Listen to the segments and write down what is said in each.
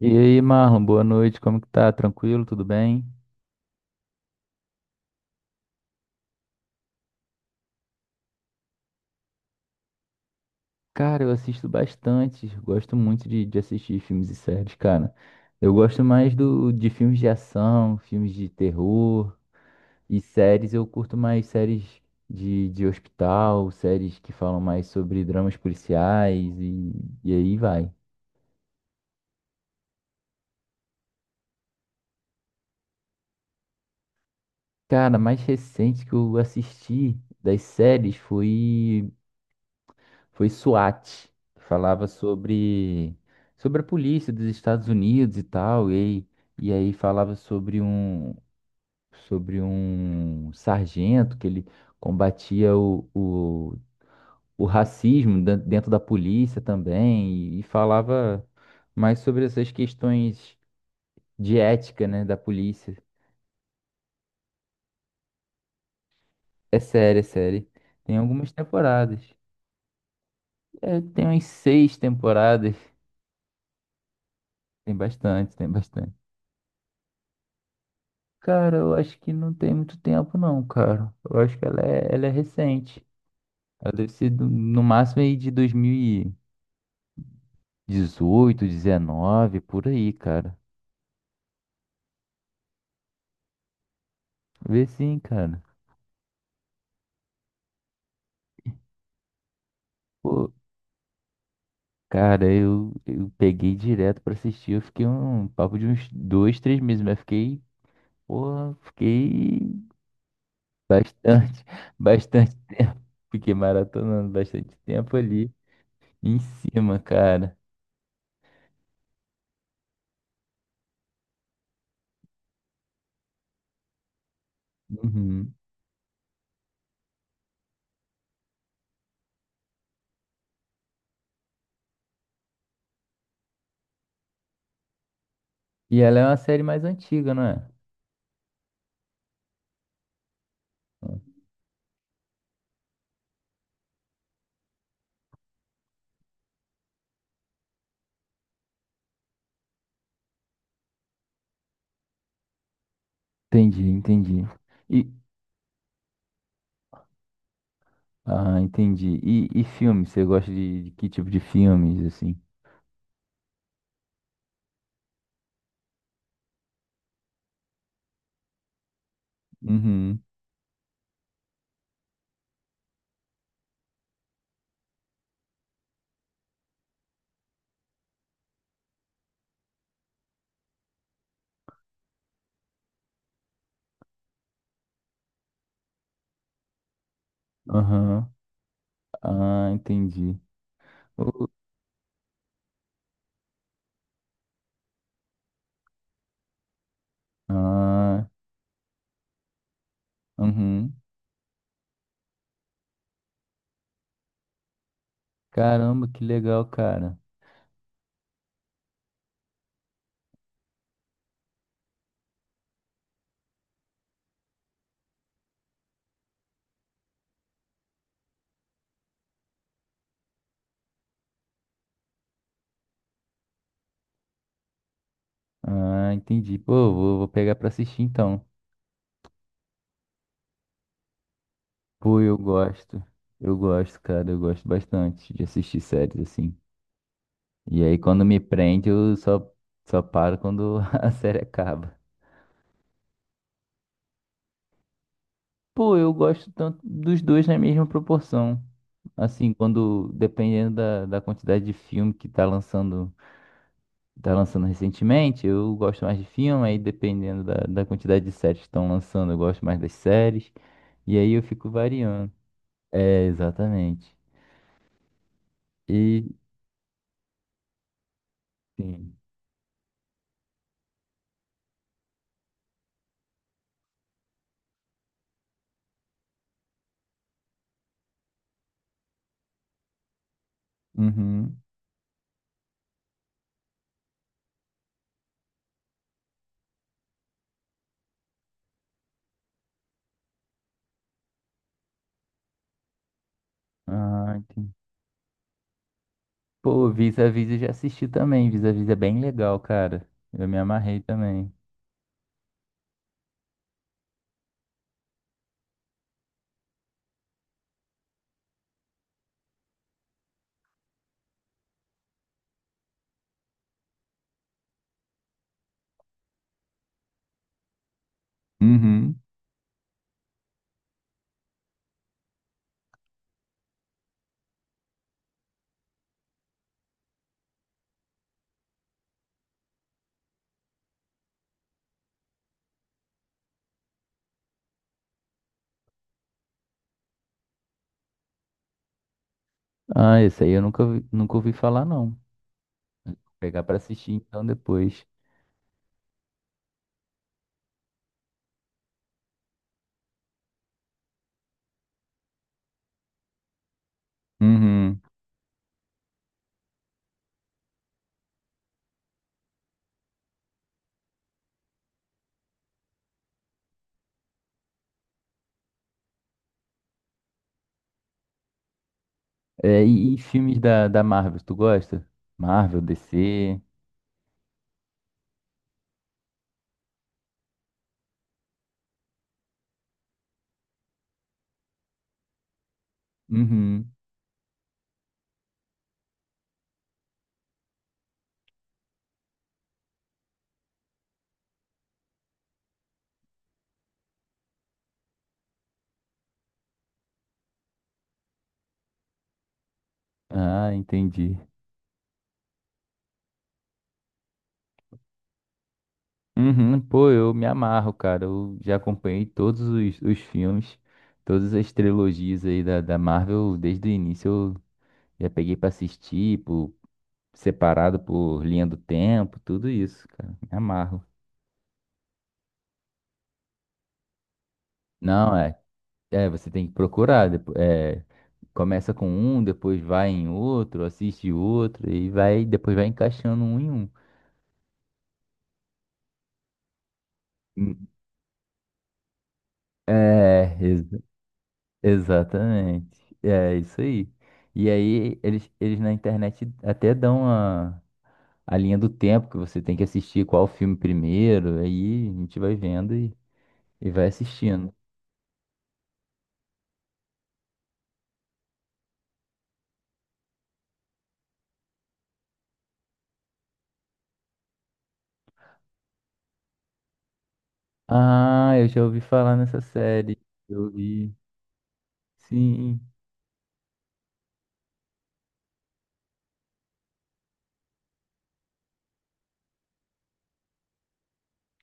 E aí, Marlon, boa noite, como que tá? Tranquilo? Tudo bem? Cara, eu assisto bastante, gosto muito de assistir filmes e séries, cara. Eu gosto mais de filmes de ação, filmes de terror e séries, eu curto mais séries de hospital, séries que falam mais sobre dramas policiais e aí vai. Cara, a mais recente que eu assisti das séries foi SWAT, que falava sobre a polícia dos Estados Unidos e tal, e aí falava sobre sobre um sargento que ele combatia o racismo dentro da polícia também, e falava mais sobre essas questões de ética, né, da polícia. É série, é série. Tem algumas temporadas. É, tem umas seis temporadas. Tem bastante, tem bastante. Cara, eu acho que não tem muito tempo, não, cara. Eu acho que ela é recente. Ela deve ser no máximo aí de dois mil e dezoito, dezenove, por aí, cara. Vê sim, cara. Pô, cara, eu peguei direto pra assistir. Eu fiquei um papo de uns dois, três meses, mas fiquei, porra, fiquei bastante, bastante. Fiquei maratonando bastante tempo ali em cima, cara. Uhum. E ela é uma série mais antiga, não é? Entendi, entendi. E, ah, entendi. E filme? Você gosta de que tipo de filmes, assim? Uhum. Aham. Ah, entendi. O- Ah, uhum. Caramba, que legal, cara. Ah, entendi. Pô, vou pegar pra assistir então. Pô, eu gosto. Eu gosto, cara. Eu gosto bastante de assistir séries assim. E aí, quando me prende, só paro quando a série acaba. Pô, eu gosto tanto dos dois na mesma proporção. Assim, quando, dependendo da quantidade de filme que tá lançando recentemente, eu gosto mais de filme, aí dependendo da quantidade de séries que estão lançando, eu gosto mais das séries. E aí eu fico variando. É, exatamente. E, sim. Uhum. Ah, entendi. Pô, Vis-a-Vis eu já assisti também. Vis-a-Vis é bem legal, cara. Eu me amarrei também. Uhum. Ah, esse aí eu nunca, nunca ouvi falar, não. Pegar pra assistir então depois. Uhum. É, e filmes da Marvel, tu gosta? Marvel, DC. Uhum. Ah, entendi. Uhum. Pô, eu me amarro, cara. Eu já acompanhei todos os filmes, todas as trilogias aí da Marvel, desde o início eu já peguei pra assistir, por, separado por linha do tempo, tudo isso, cara. Me amarro. Não, é. É, você tem que procurar. É, começa com um, depois vai em outro, assiste outro e vai, depois vai encaixando um em um. Hum. É, exa- exatamente. É isso aí. E aí eles na internet até dão a linha do tempo que você tem que assistir qual filme primeiro. Aí a gente vai vendo e vai assistindo. Ah, eu já ouvi falar nessa série. Eu vi. Sim.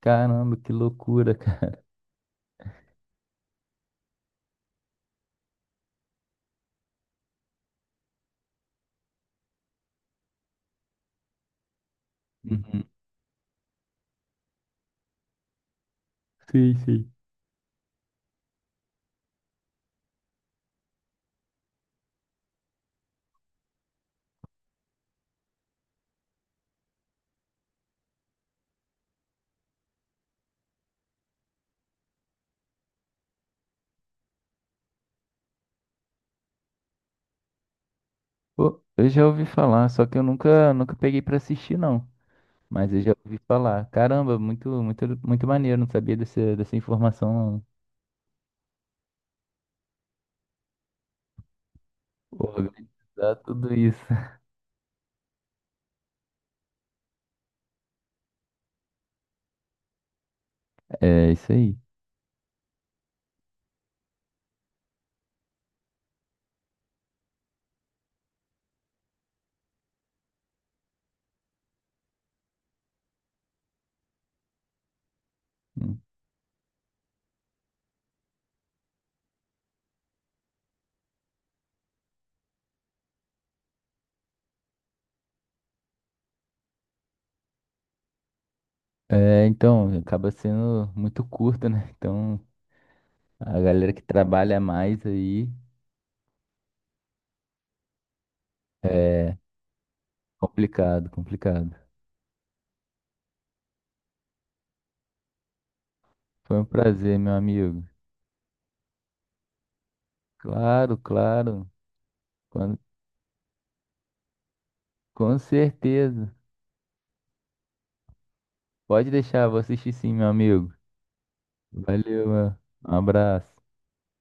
Caramba, que loucura, cara. Uhum. Sim, sim. Pô, eu já ouvi falar, só que eu nunca, nunca peguei pra assistir, não. Mas eu já ouvi falar. Caramba, muito, muito, muito maneiro, não sabia dessa informação, não. Pô, organizar tudo isso. É, isso aí. É, então, acaba sendo muito curto, né? Então, a galera que trabalha mais aí é complicado, complicado. Foi um prazer, meu amigo. Claro, claro. Com, com certeza. Pode deixar, vou assistir sim, meu amigo. Valeu, meu. Um abraço.